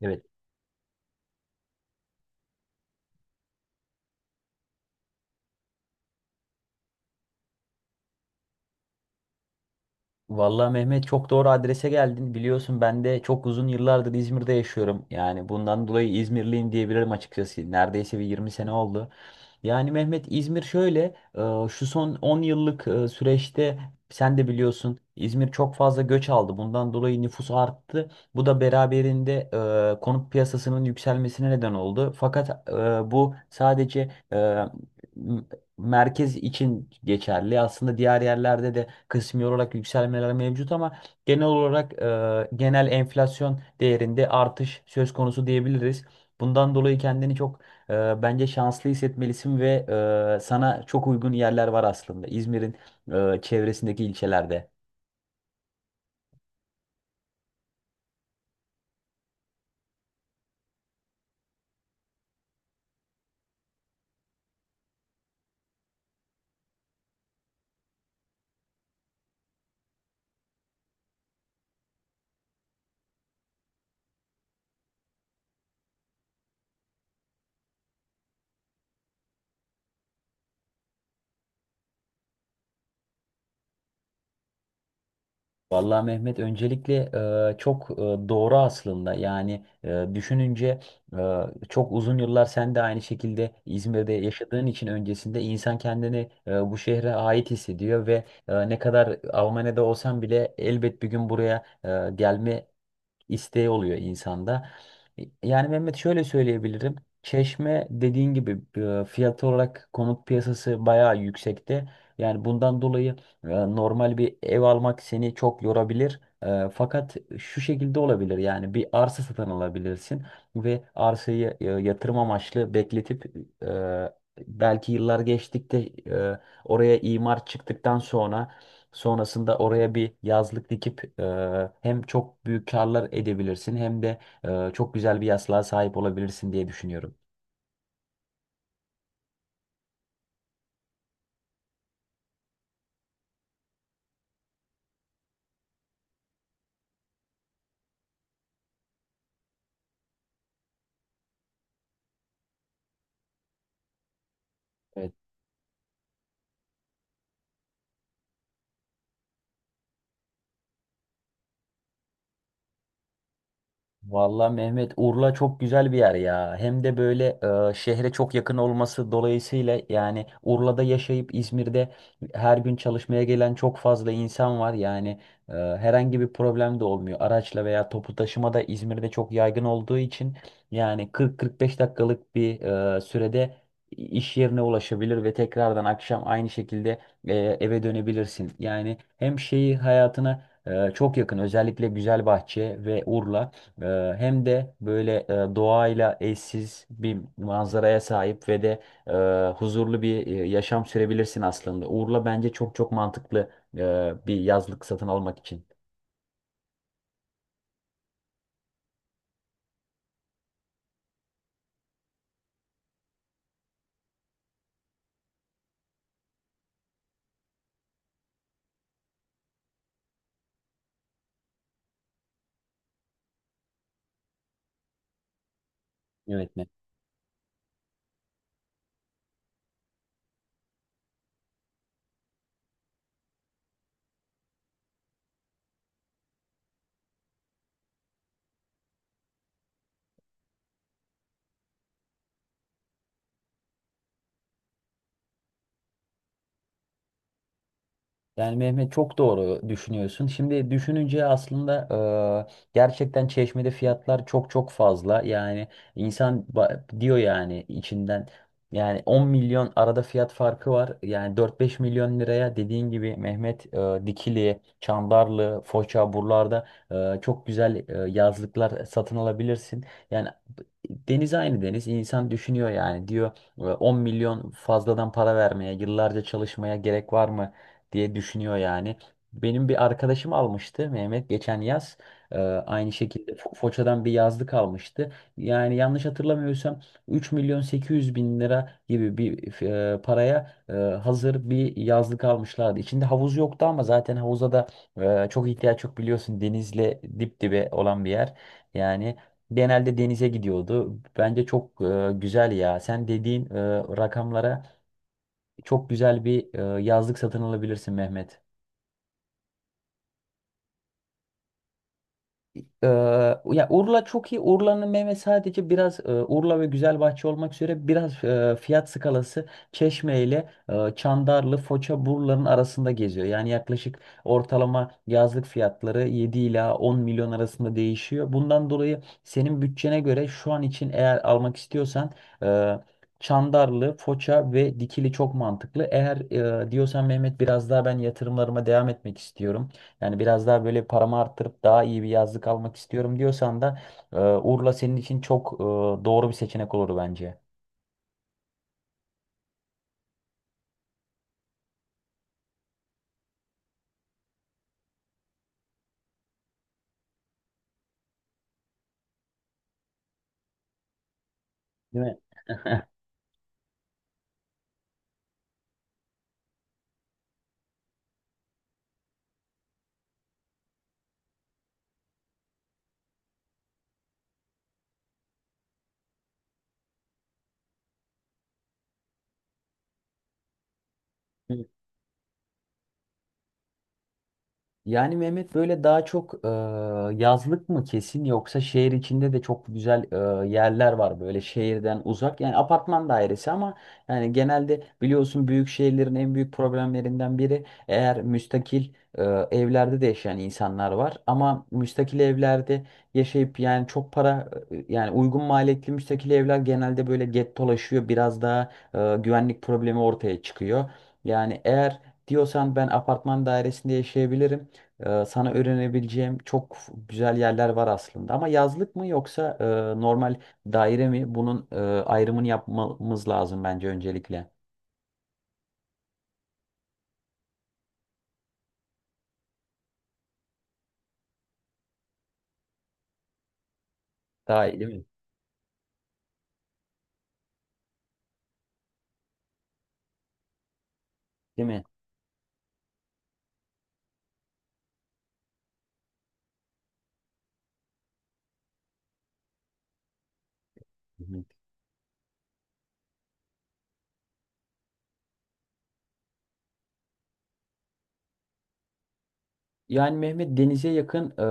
Evet. Vallahi Mehmet çok doğru adrese geldin. Biliyorsun ben de çok uzun yıllardır İzmir'de yaşıyorum. Yani bundan dolayı İzmirliyim diyebilirim açıkçası. Neredeyse bir 20 sene oldu. Yani Mehmet İzmir şöyle şu son 10 yıllık süreçte sen de biliyorsun İzmir çok fazla göç aldı. Bundan dolayı nüfus arttı. Bu da beraberinde konut piyasasının yükselmesine neden oldu. Fakat bu sadece e, m- merkez için geçerli. Aslında diğer yerlerde de kısmi olarak yükselmeler mevcut ama genel olarak genel enflasyon değerinde artış söz konusu diyebiliriz. Bundan dolayı kendini çok bence şanslı hissetmelisin ve sana çok uygun yerler var aslında İzmir'in çevresindeki ilçelerde. Vallahi Mehmet öncelikle çok doğru aslında yani düşününce e, çok uzun yıllar sen de aynı şekilde İzmir'de yaşadığın için öncesinde insan kendini bu şehre ait hissediyor ve ne kadar Almanya'da olsan bile elbet bir gün buraya gelme isteği oluyor insanda. Yani Mehmet şöyle söyleyebilirim. Çeşme dediğin gibi fiyat olarak konut piyasası bayağı yüksekte. Yani bundan dolayı normal bir ev almak seni çok yorabilir. Fakat şu şekilde olabilir, yani bir arsa satın alabilirsin ve arsayı yatırım amaçlı bekletip, e, belki yıllar geçtikte e, oraya imar çıktıktan sonra, sonrasında oraya bir yazlık dikip hem çok büyük karlar edebilirsin hem de çok güzel bir yaslığa sahip olabilirsin diye düşünüyorum. Evet. Vallahi Mehmet, Urla çok güzel bir yer ya. Hem de böyle şehre çok yakın olması dolayısıyla yani Urla'da yaşayıp İzmir'de her gün çalışmaya gelen çok fazla insan var. Yani herhangi bir problem de olmuyor. Araçla veya toplu taşıma da İzmir'de çok yaygın olduğu için yani 40-45 dakikalık bir sürede iş yerine ulaşabilir ve tekrardan akşam aynı şekilde eve dönebilirsin. Yani hem şeyi hayatına çok yakın, özellikle Güzelbahçe ve Urla. Ee, Hem de böyle doğayla eşsiz bir manzaraya sahip ve de huzurlu bir yaşam sürebilirsin aslında. Urla bence çok çok mantıklı bir yazlık satın almak için. Evet. Yani Mehmet, çok doğru düşünüyorsun. Şimdi düşününce aslında gerçekten Çeşme'de fiyatlar çok çok fazla. Yani insan diyor yani içinden, yani 10 milyon arada fiyat farkı var. Yani 4-5 milyon liraya dediğin gibi Mehmet, Dikili, Çandarlı, Foça buralarda çok güzel yazlıklar satın alabilirsin. Yani deniz aynı deniz. İnsan düşünüyor yani, diyor 10 milyon fazladan para vermeye, yıllarca çalışmaya gerek var mı diye düşünüyor yani. Benim bir arkadaşım almıştı Mehmet geçen yaz. Aynı şekilde Foça'dan bir yazlık almıştı. Yani yanlış hatırlamıyorsam 3 milyon 800 bin lira gibi bir paraya hazır bir yazlık almışlardı. İçinde havuz yoktu ama zaten havuza da çok ihtiyaç yok, biliyorsun. Denizle dip dibe olan bir yer. Yani genelde denize gidiyordu. Bence çok güzel ya. Sen dediğin rakamlara çok güzel bir yazlık satın alabilirsin Mehmet. Ee, ya Urla çok iyi. Urla'nın meyve sadece biraz Urla ve Güzelbahçe olmak üzere biraz fiyat skalası Çeşme ile Çandarlı, Foça, Burla'nın arasında geziyor. Yani yaklaşık ortalama yazlık fiyatları 7 ila 10 milyon arasında değişiyor. Bundan dolayı senin bütçene göre şu an için, eğer almak istiyorsan e, Çandarlı, Foça ve Dikili çok mantıklı. Eğer diyorsan Mehmet, biraz daha ben yatırımlarıma devam etmek istiyorum, yani biraz daha böyle paramı arttırıp daha iyi bir yazlık almak istiyorum diyorsan da Urla senin için çok doğru bir seçenek olur bence. Değil mi? Yani Mehmet böyle daha çok yazlık mı kesin, yoksa şehir içinde de çok güzel yerler var böyle şehirden uzak. Yani apartman dairesi, ama yani genelde biliyorsun, büyük şehirlerin en büyük problemlerinden biri, eğer müstakil e, evlerde de yaşayan insanlar var. Ama müstakil evlerde yaşayıp yani çok para yani uygun maliyetli müstakil evler genelde böyle gettolaşıyor. Biraz daha güvenlik problemi ortaya çıkıyor. Yani eğer diyorsan ben apartman dairesinde yaşayabilirim. Sana öğrenebileceğim çok güzel yerler var aslında. Ama yazlık mı yoksa normal daire mi? Bunun ayrımını yapmamız lazım bence öncelikle. Daha iyi değil mi? Değil mi? Yani Mehmet denize yakın.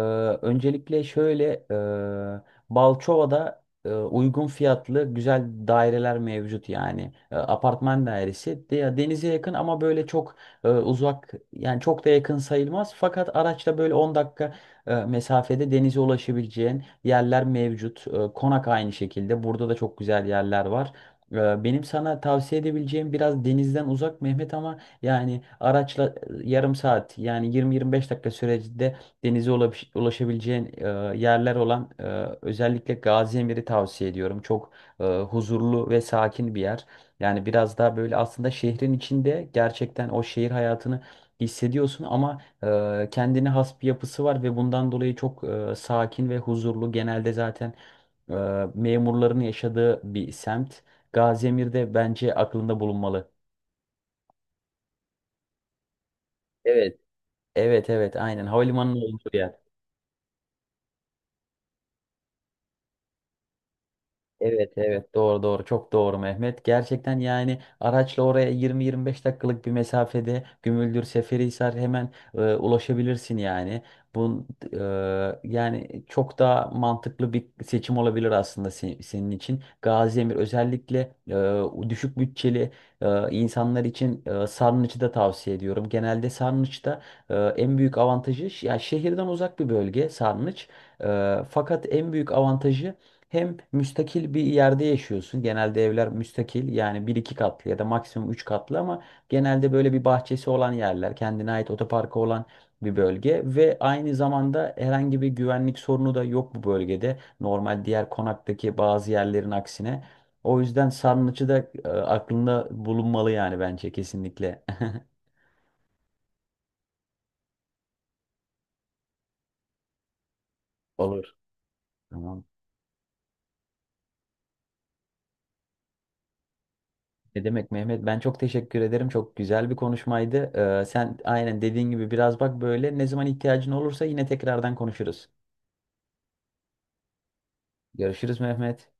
Öncelikle şöyle, Balçova'da uygun fiyatlı güzel daireler mevcut yani. Apartman dairesi de, denize yakın ama böyle çok uzak yani çok da yakın sayılmaz. Fakat araçla böyle 10 dakika mesafede denize ulaşabileceğin yerler mevcut. Konak aynı şekilde. Burada da çok güzel yerler var. Benim sana tavsiye edebileceğim biraz denizden uzak Mehmet, ama yani araçla yarım saat, yani 20-25 dakika sürecinde denize ulaşabileceğin yerler olan, özellikle Gaziemir'i tavsiye ediyorum. Çok huzurlu ve sakin bir yer. Yani biraz daha böyle aslında şehrin içinde gerçekten o şehir hayatını hissediyorsun ama kendine has bir yapısı var ve bundan dolayı çok sakin ve huzurlu. Genelde zaten e, memurların yaşadığı bir semt. Gaziemir de bence aklında bulunmalı. Evet. Evet, evet, aynen, havalimanının olduğu yer. Evet, evet, doğru, doğru, çok doğru Mehmet. Gerçekten yani araçla oraya 20-25 dakikalık bir mesafede Gümüldür, Seferihisar hemen ulaşabilirsin yani. Bu e, yani çok daha mantıklı bir seçim olabilir aslında senin için. Gaziemir özellikle düşük bütçeli insanlar için, Sarnıç'ı da tavsiye ediyorum. Genelde Sarnıç'ta en büyük avantajı, ya, şehirden uzak bir bölge Sarnıç. Fakat en büyük avantajı, hem müstakil bir yerde yaşıyorsun. Genelde evler müstakil, yani bir iki katlı ya da maksimum üç katlı, ama genelde böyle bir bahçesi olan yerler, kendine ait otoparkı olan bir bölge ve aynı zamanda herhangi bir güvenlik sorunu da yok bu bölgede. Normal diğer konaktaki bazı yerlerin aksine. O yüzden sarnıcı da aklında bulunmalı yani, bence kesinlikle. Olur. Tamam. Ne demek Mehmet? Ben çok teşekkür ederim. Çok güzel bir konuşmaydı. Sen aynen dediğin gibi biraz bak, böyle ne zaman ihtiyacın olursa yine tekrardan konuşuruz. Görüşürüz Mehmet.